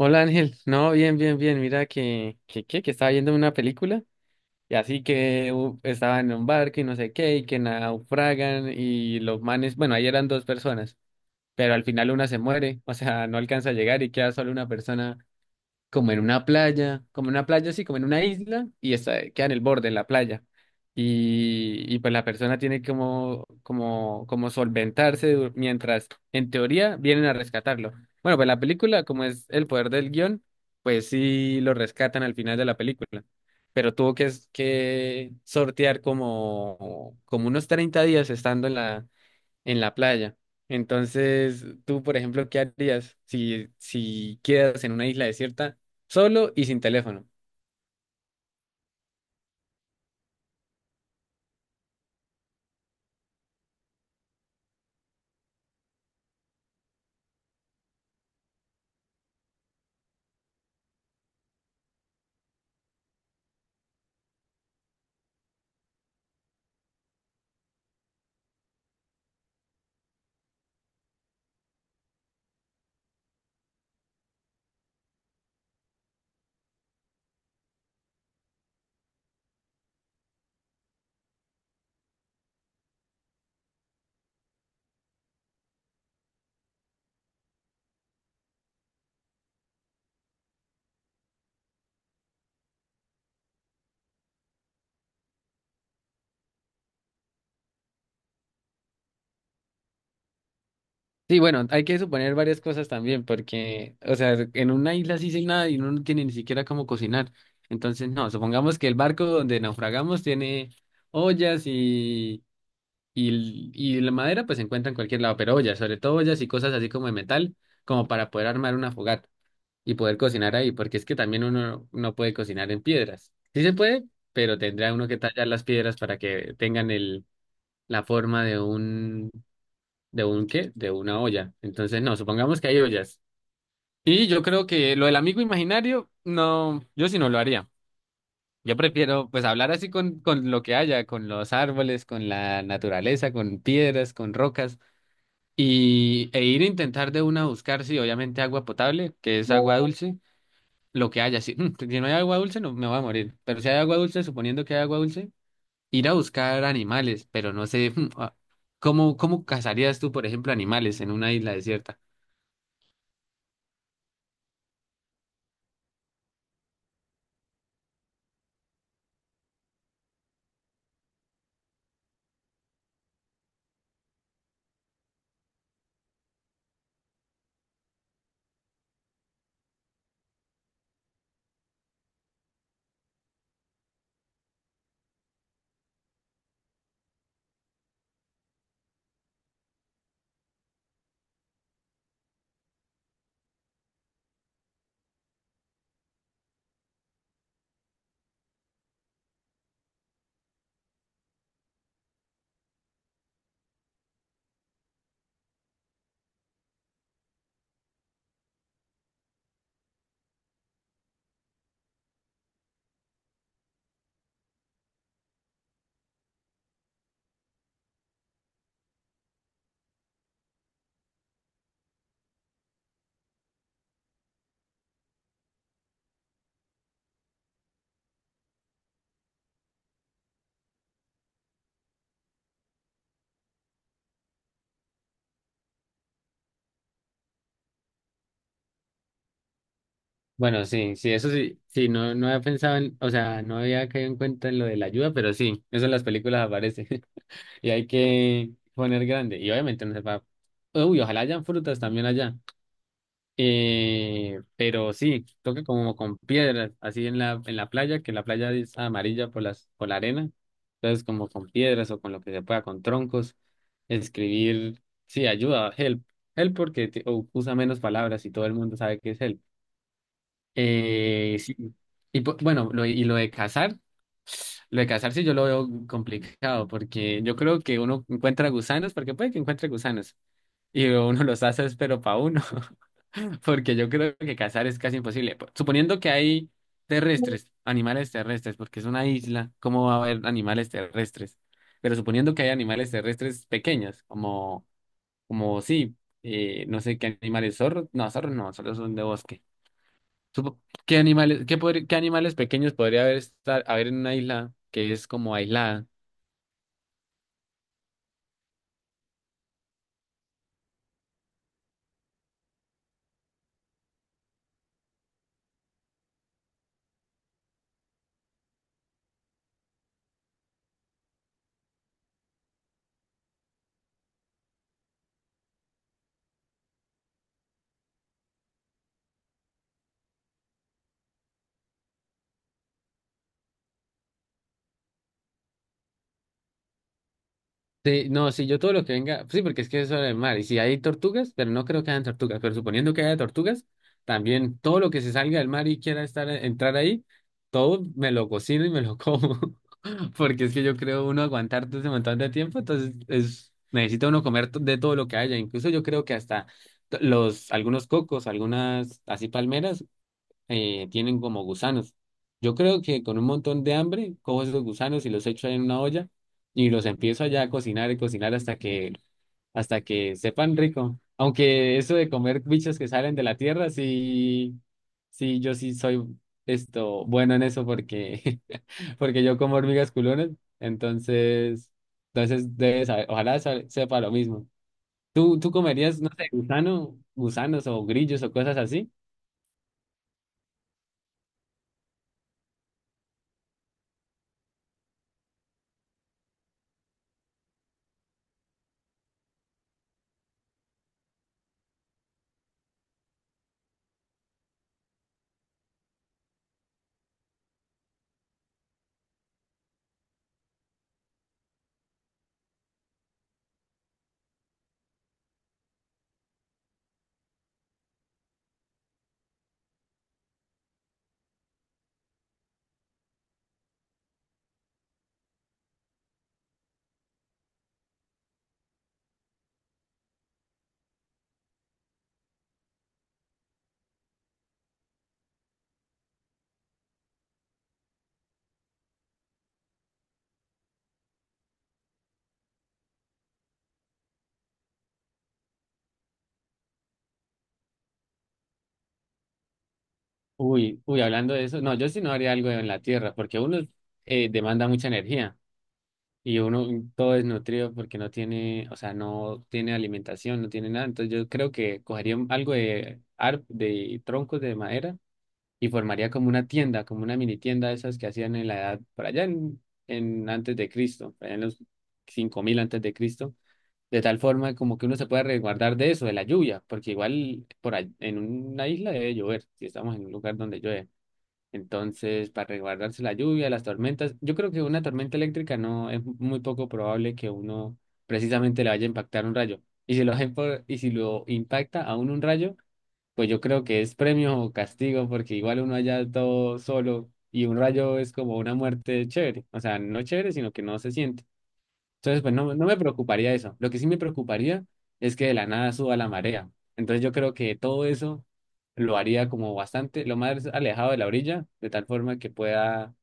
Hola Ángel, no, bien, bien, bien, mira que estaba viendo una película y así que estaba en un barco y no sé qué, y que naufragan y los manes, bueno, ahí eran dos personas, pero al final una se muere, o sea, no alcanza a llegar y queda solo una persona como en una playa, como en una playa, sí, como en una isla, y está, queda en el borde de la playa. Y pues la persona tiene como mientras, en teoría, vienen a rescatarlo. Bueno, pues la película, como es el poder del guión, pues sí lo rescatan al final de la película. Pero tuvo que sortear como, como unos 30 días estando en en la playa. Entonces, tú, por ejemplo, ¿qué harías si quedas en una isla desierta solo y sin teléfono? Sí, bueno, hay que suponer varias cosas también, porque, o sea, en una isla sí sin nada y uno no tiene ni siquiera cómo cocinar. Entonces, no, supongamos que el barco donde naufragamos tiene ollas y la madera, pues se encuentra en cualquier lado, pero ollas, sobre todo ollas y cosas así como de metal, como para poder armar una fogata, y poder cocinar ahí, porque es que también uno no puede cocinar en piedras. Sí se puede, pero tendrá uno que tallar las piedras para que tengan la forma de de un qué, de una olla. Entonces, no, supongamos que hay ollas. Y yo creo que lo del amigo imaginario, no, yo sí no lo haría. Yo prefiero pues hablar así con lo que haya, con los árboles, con la naturaleza, con piedras, con rocas, e ir a intentar de una buscar, sí, obviamente agua potable, que es agua dulce lo que haya. Si, si no hay agua dulce, no me voy a morir. Pero si hay agua dulce, suponiendo que hay agua dulce, ir a buscar animales, pero no sé, ¿cómo, cómo cazarías tú, por ejemplo, animales en una isla desierta? Bueno, sí, sí, eso sí, sí, no, no había pensado en, o sea, no había caído en cuenta en lo de la ayuda, pero sí, eso en las películas aparece y hay que poner grande y obviamente no se va, uy, ojalá hayan frutas también allá. Pero sí, toca como con piedras, así en en la playa, que la playa es amarilla por por la arena. Entonces, como con piedras o con lo que se pueda, con troncos, escribir, sí, ayuda, help. Help porque o usa menos palabras y todo el mundo sabe que es help. Sí. Bueno, y lo de cazar sí yo lo veo complicado porque yo creo que uno encuentra gusanos, porque puede que encuentre gusanos y uno los hace, es pero para uno. Porque yo creo que cazar es casi imposible. Suponiendo que hay terrestres, animales terrestres, porque es una isla, ¿cómo va a haber animales terrestres? Pero suponiendo que hay animales terrestres pequeños, como sí, no sé qué animales, zorros, no, zorros no, zorros son de bosque. Supo- ¿Qué animales, qué animales pequeños podría haber, estar, haber en una isla que es como aislada? Sí, no, sí, yo todo lo que venga, sí, porque es que eso es el mar, y si hay tortugas, pero no creo que hayan tortugas, pero suponiendo que haya tortugas, también todo lo que se salga del mar y quiera estar, entrar ahí, todo me lo cocino y me lo como, porque es que yo creo uno aguantar todo ese montón de tiempo, entonces es, necesita uno comer de todo lo que haya, incluso yo creo que hasta algunos cocos, algunas así palmeras, tienen como gusanos. Yo creo que con un montón de hambre cojo esos gusanos y los echo en una olla y los empiezo allá a cocinar y cocinar hasta que sepan rico. Aunque eso de comer bichos que salen de la tierra, sí, sí, yo sí soy esto bueno en eso porque, porque yo como hormigas culones, entonces, entonces debes saber, ojalá sepa lo mismo. Tú comerías, no sé, gusanos o grillos o cosas así? Uy, uy, hablando de eso, no, yo sí no haría algo en la tierra, porque uno demanda mucha energía y uno todo desnutrido porque no tiene, o sea, no tiene alimentación, no tiene nada. Entonces yo creo que cogería algo de, de troncos de madera y formaría como una tienda, como una mini tienda de esas que hacían en la edad, en antes de Cristo, por allá en los 5000 antes de Cristo. De tal forma como que uno se pueda resguardar de eso, de la lluvia, porque igual en una isla debe llover, si estamos en un lugar donde llueve. Entonces, para resguardarse la lluvia, las tormentas, yo creo que una tormenta eléctrica no es muy poco probable que uno precisamente le vaya a impactar un rayo. Y si lo impacta a uno un rayo, pues yo creo que es premio o castigo, porque igual uno allá todo solo y un rayo es como una muerte chévere. O sea, no chévere, sino que no se siente. Entonces, pues no, no me preocuparía eso. Lo que sí me preocuparía es que de la nada suba la marea. Entonces yo creo que todo eso lo haría como bastante, lo más alejado de la orilla, de tal forma que pueda,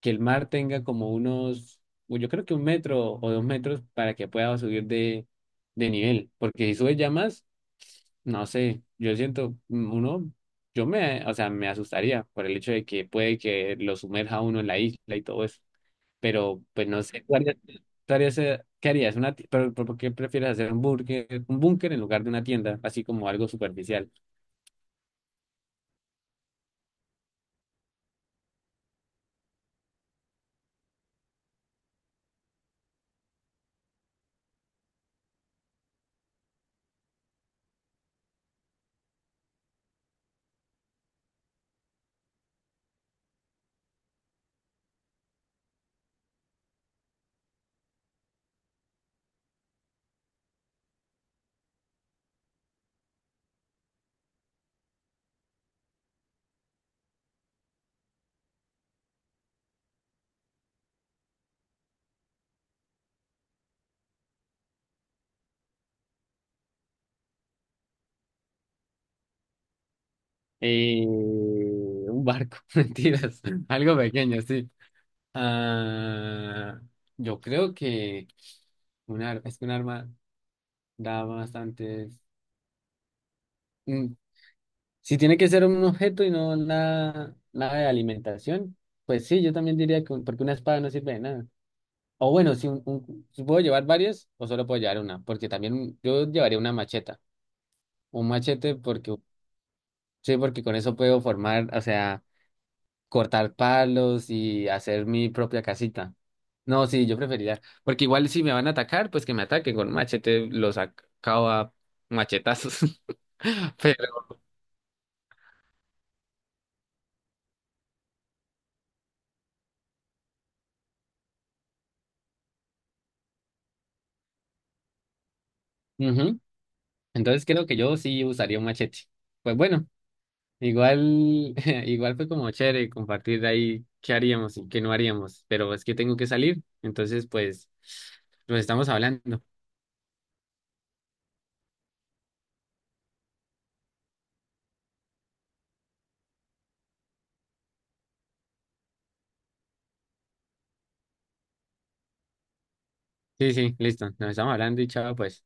que el mar tenga como unos, uy, yo creo que 1 metro o 2 metros para que pueda subir de nivel. Porque si sube ya más, no sé, yo siento, o sea, me asustaría por el hecho de que puede que lo sumerja uno en la isla y todo eso, pero pues no sé, tú harías, qué harías? Pero, ¿pero por qué prefieres hacer un búnker en lugar de una tienda? Así como algo superficial. Un barco, mentiras, algo pequeño, sí. Ah, yo creo que es que un arma da bastantes... mm, Si tiene que ser un objeto y no nada, nada de alimentación, pues sí, yo también diría que porque una espada no sirve de nada. O bueno, si, si puedo llevar varias o solo puedo llevar una, porque también yo llevaría una macheta. Un machete porque, sí, porque con eso puedo formar, o sea, cortar palos y hacer mi propia casita. No, sí, yo preferiría, porque igual si me van a atacar, pues que me ataquen con un machete, los acabo a machetazos. Pero, ujú, entonces creo que yo sí usaría un machete. Pues bueno. Igual, igual fue como chévere compartir ahí qué haríamos y qué no haríamos, pero es que tengo que salir, entonces pues nos estamos hablando. Sí, sí, listo, nos estamos hablando y chao, pues.